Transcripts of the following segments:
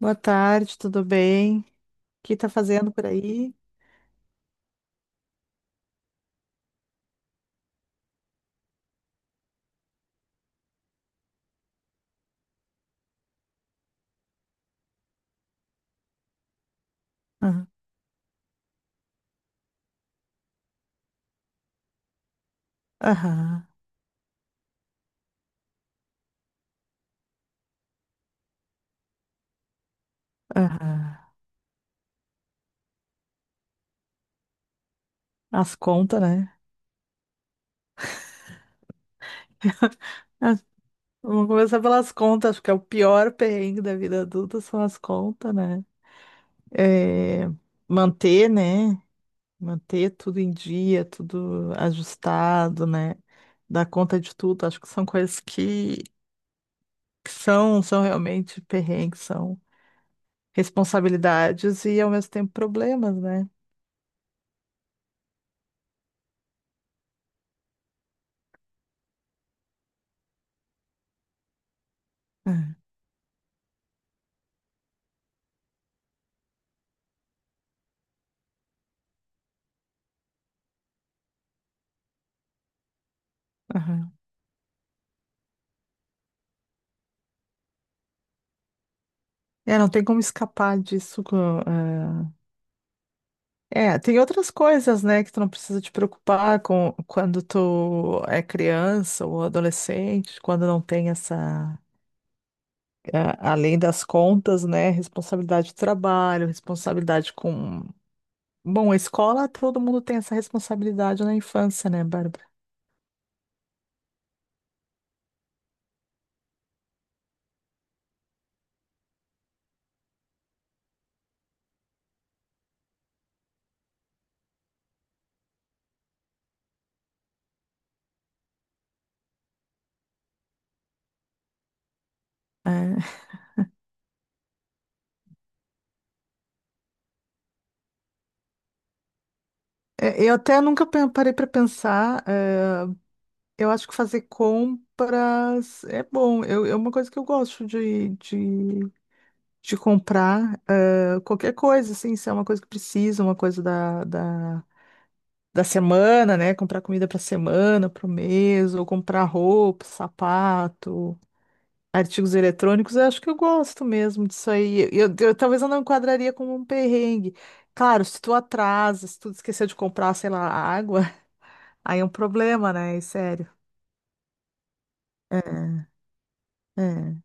Boa tarde, tudo bem? O que tá fazendo por aí? Aham, aham, aham. As contas, né? Ah, Vamos começar pelas contas, porque é o pior perrengue da vida adulta são as contas, né? eh, manter, né? Manter tudo em dia, tudo ajustado, né? Dar conta de tudo. Acho que são coisas que são realmente perrengues, são responsabilidades e ao mesmo tempo problemas, né? É, aham. É, não tem como escapar disso. Ah, É, tem outras coisas, né, que tu não precisa te preocupar com quando tu é criança ou adolescente, quando não tem essa. Além das contas, né? Responsabilidade de trabalho, responsabilidade com. Bom, a escola, todo mundo tem essa responsabilidade na infância, né, Bárbara? É. É, eu até nunca pe- parei para pensar. Eu acho que fazer compras é bom. É uma coisa que eu gosto de comprar. Qualquer coisa, assim, se é uma coisa que precisa, uma coisa da semana, né? Comprar comida para semana, para o mês, ou comprar roupa, sapato. Artigos eletrônicos, eu acho que eu gosto mesmo disso aí. Talvez eu não enquadraria como um perrengue. Claro, se tu atrasa, se tu esqueceu de comprar, sei lá, água, aí é um problema, né? É sério. É, é,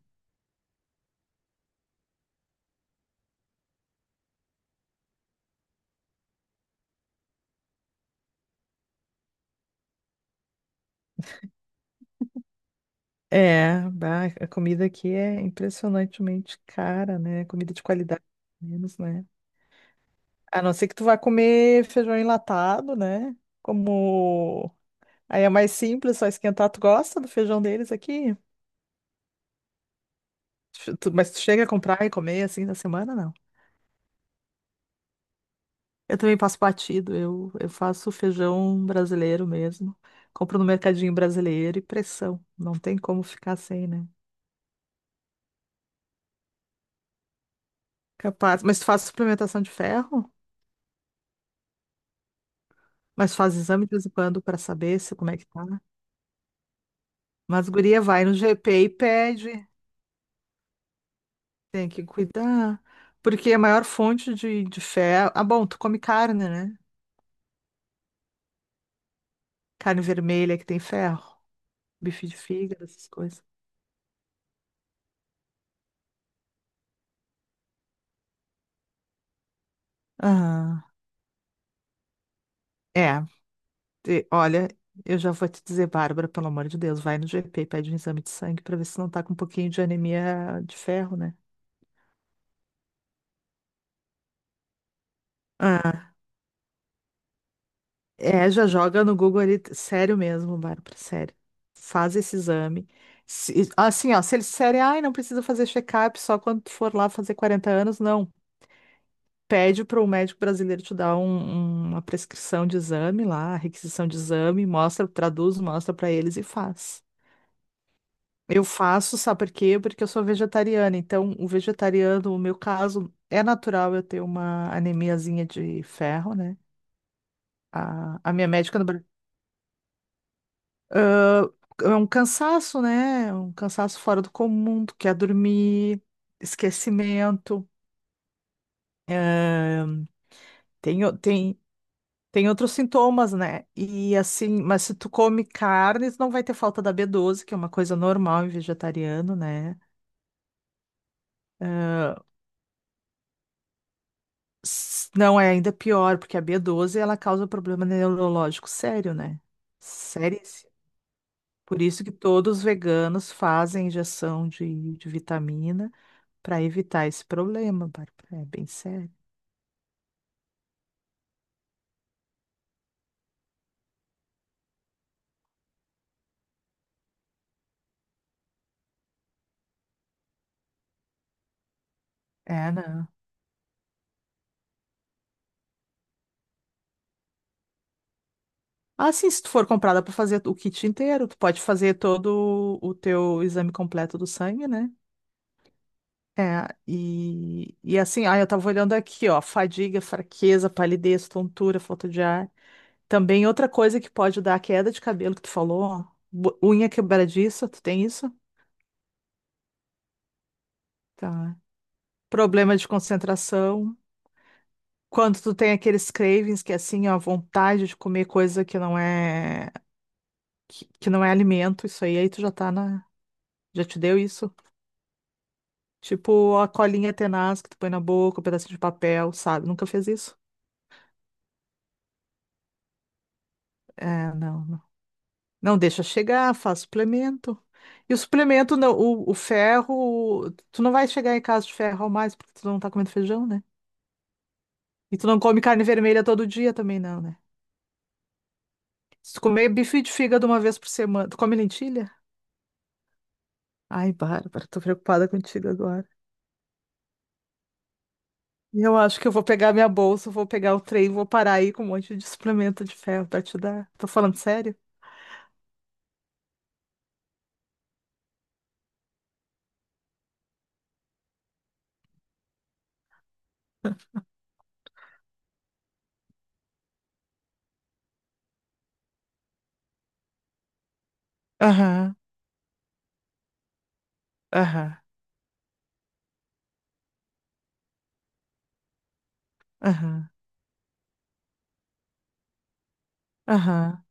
é, bah, a comida aqui é impressionantemente cara, né? Comida de qualidade, pelo menos, né? A não ser que tu vá comer feijão enlatado, né? Como aí é mais simples, só esquentar. Tu gosta do feijão deles aqui? Mas tu chega a comprar e comer assim na semana, não? Eu também passo batido, eu faço feijão brasileiro mesmo. Compro no mercadinho brasileiro e pressão. Não tem como ficar sem, né? Capaz. Mas tu faz suplementação de ferro? Mas faz exame de vez em quando para saber se como é que tá. Mas guria vai no GP e pede. Tem que cuidar. Porque a maior fonte de ferro. Ah, bom, tu come carne, né? Carne vermelha que tem ferro. Bife de fígado, essas coisas. Aham. É. E, olha, eu já vou te dizer, Bárbara, pelo amor de Deus, vai no GP, pede um exame de sangue para ver se não tá com um pouquinho de anemia de ferro, né? Ah, é, já joga no Google ali, sério mesmo, Bárbara, sério. Faz esse exame. Assim, ó, se eles disserem, ai, não precisa fazer check-up só quando tu for lá fazer 40 anos, não. Pede para o médico brasileiro te dar uma prescrição de exame lá, requisição de exame, mostra, traduz, mostra para eles e faz. Eu faço, sabe por quê? Porque eu sou vegetariana. Então, o vegetariano, no meu caso, é natural eu ter uma anemiazinha de ferro, né? A minha médica no Brasil. É um cansaço, né? Um cansaço fora do comum, tu quer dormir, esquecimento. ah, tem, o- tem, Tem outros sintomas, né? E assim, mas se tu come carnes, não vai ter falta da B12, que é uma coisa normal em vegetariano, né? Não, é ainda pior, porque a B12 ela causa problema neurológico sério, né? Seríssimo. Por isso que todos os veganos fazem injeção de vitamina para evitar esse problema, Bárbara. É bem sério. É, não. Ah, sim, se tu for comprada para fazer o kit inteiro, tu pode fazer todo o teu exame completo do sangue, né? E assim, ah, eu tava olhando aqui, ó, fadiga, fraqueza, palidez, tontura, falta de ar. Também outra coisa que pode dar a queda de cabelo que tu falou, unha quebradiça, tu tem isso? Tá. Problema de concentração. Quando tu tem aqueles cravings que é assim, ó, vontade de comer coisa que não é alimento, isso aí, aí tu já tá na, já te deu isso? Tipo a colinha tenaz que tu põe na boca, um pedacinho de papel, sabe? Nunca fez isso? É, não. Não deixa chegar, faz suplemento. E o suplemento, não, o ferro, tu não vai chegar em casa de ferro ao mais, porque tu não tá comendo feijão, né? E tu não come carne vermelha todo dia também, não, né? Se tu comer bife de fígado uma vez por semana, tu come lentilha? Ai, Bárbara, tô preocupada contigo agora. Eu acho que eu vou pegar minha bolsa, vou pegar o trem, vou parar aí com um monte de suplemento de ferro pra te dar. Tô falando sério? Aham, aham, aham, aham.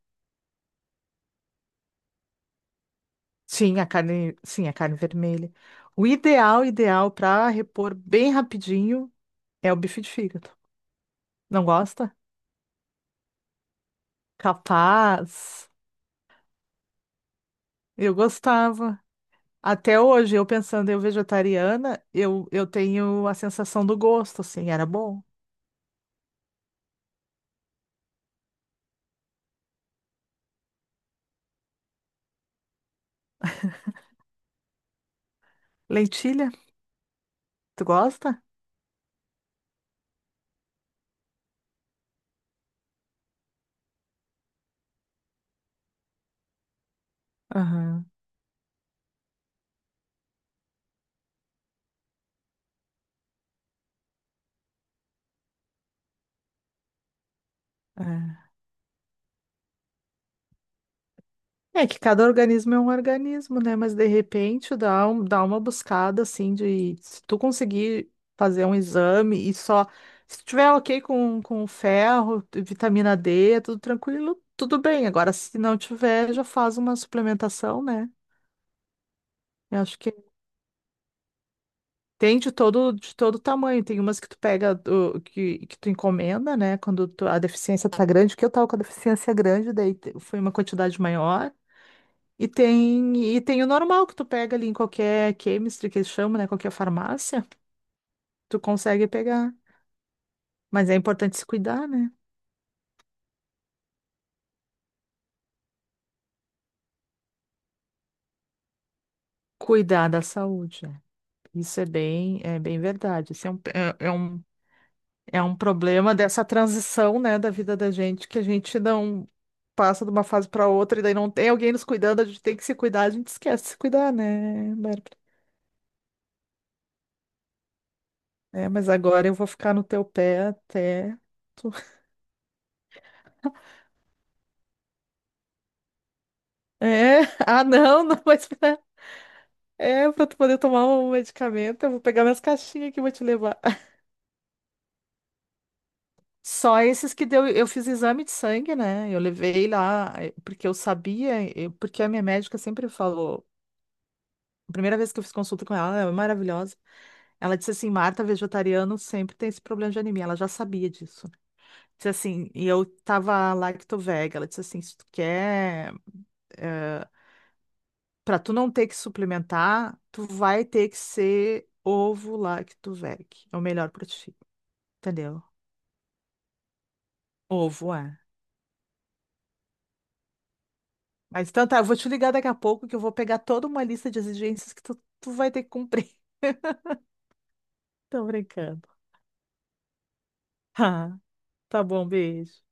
Sim, a carne vermelha. O ideal, ideal para repor bem rapidinho é o bife de fígado. Não gosta? Capaz. Eu gostava. Até hoje, eu pensando eu vegetariana, eu tenho a sensação do gosto, assim, era bom. Lentilha, tu gosta? Aham. É. É que cada organismo é um organismo, né? Mas de repente dá, dá uma buscada assim de se tu conseguir fazer um exame e só se tiver ok com ferro, vitamina D, é tudo tranquilo, tudo bem. Agora, se não tiver, já faz uma suplementação, né? Eu acho que tem de todo tamanho. Tem umas que tu pega, que tu encomenda, né? A deficiência tá grande, que eu tava com a deficiência grande, daí foi uma quantidade maior. E tem o normal que tu pega ali em qualquer chemistry que eles chamam, né? Qualquer farmácia, tu consegue pegar. Mas é importante se cuidar, né? Cuidar da saúde. Né? Isso é bem verdade. Isso é um, é, é um, é um problema dessa transição, né, da vida da gente, que a gente não passa de uma fase para outra e daí não tem alguém nos cuidando, a gente tem que se cuidar, a gente esquece de se cuidar, né, Bárbara? É, mas agora eu vou ficar no teu pé até. tu- É, ah, não, não, mas. É, pra tu poder tomar o medicamento, eu vou pegar minhas caixinhas aqui e vou te levar. Só esses que deu, eu fiz exame de sangue, né? Eu levei lá, porque eu sabia, porque a minha médica sempre falou, a primeira vez que eu fiz consulta com ela, ela é maravilhosa. Ela disse assim, Marta, vegetariano sempre tem esse problema de anemia, ela já sabia disso. Disse assim, e eu tava lactovega, ela disse assim, se tu quer, eh, pra tu não ter que suplementar, tu vai ter que ser ovo lactoveg, é o melhor pra ti. Entendeu? Ovo é. Mas então tá, eu vou te ligar daqui a pouco que eu vou pegar toda uma lista de exigências tu vai ter que cumprir. Tô brincando. Ah, tá bom, beijo.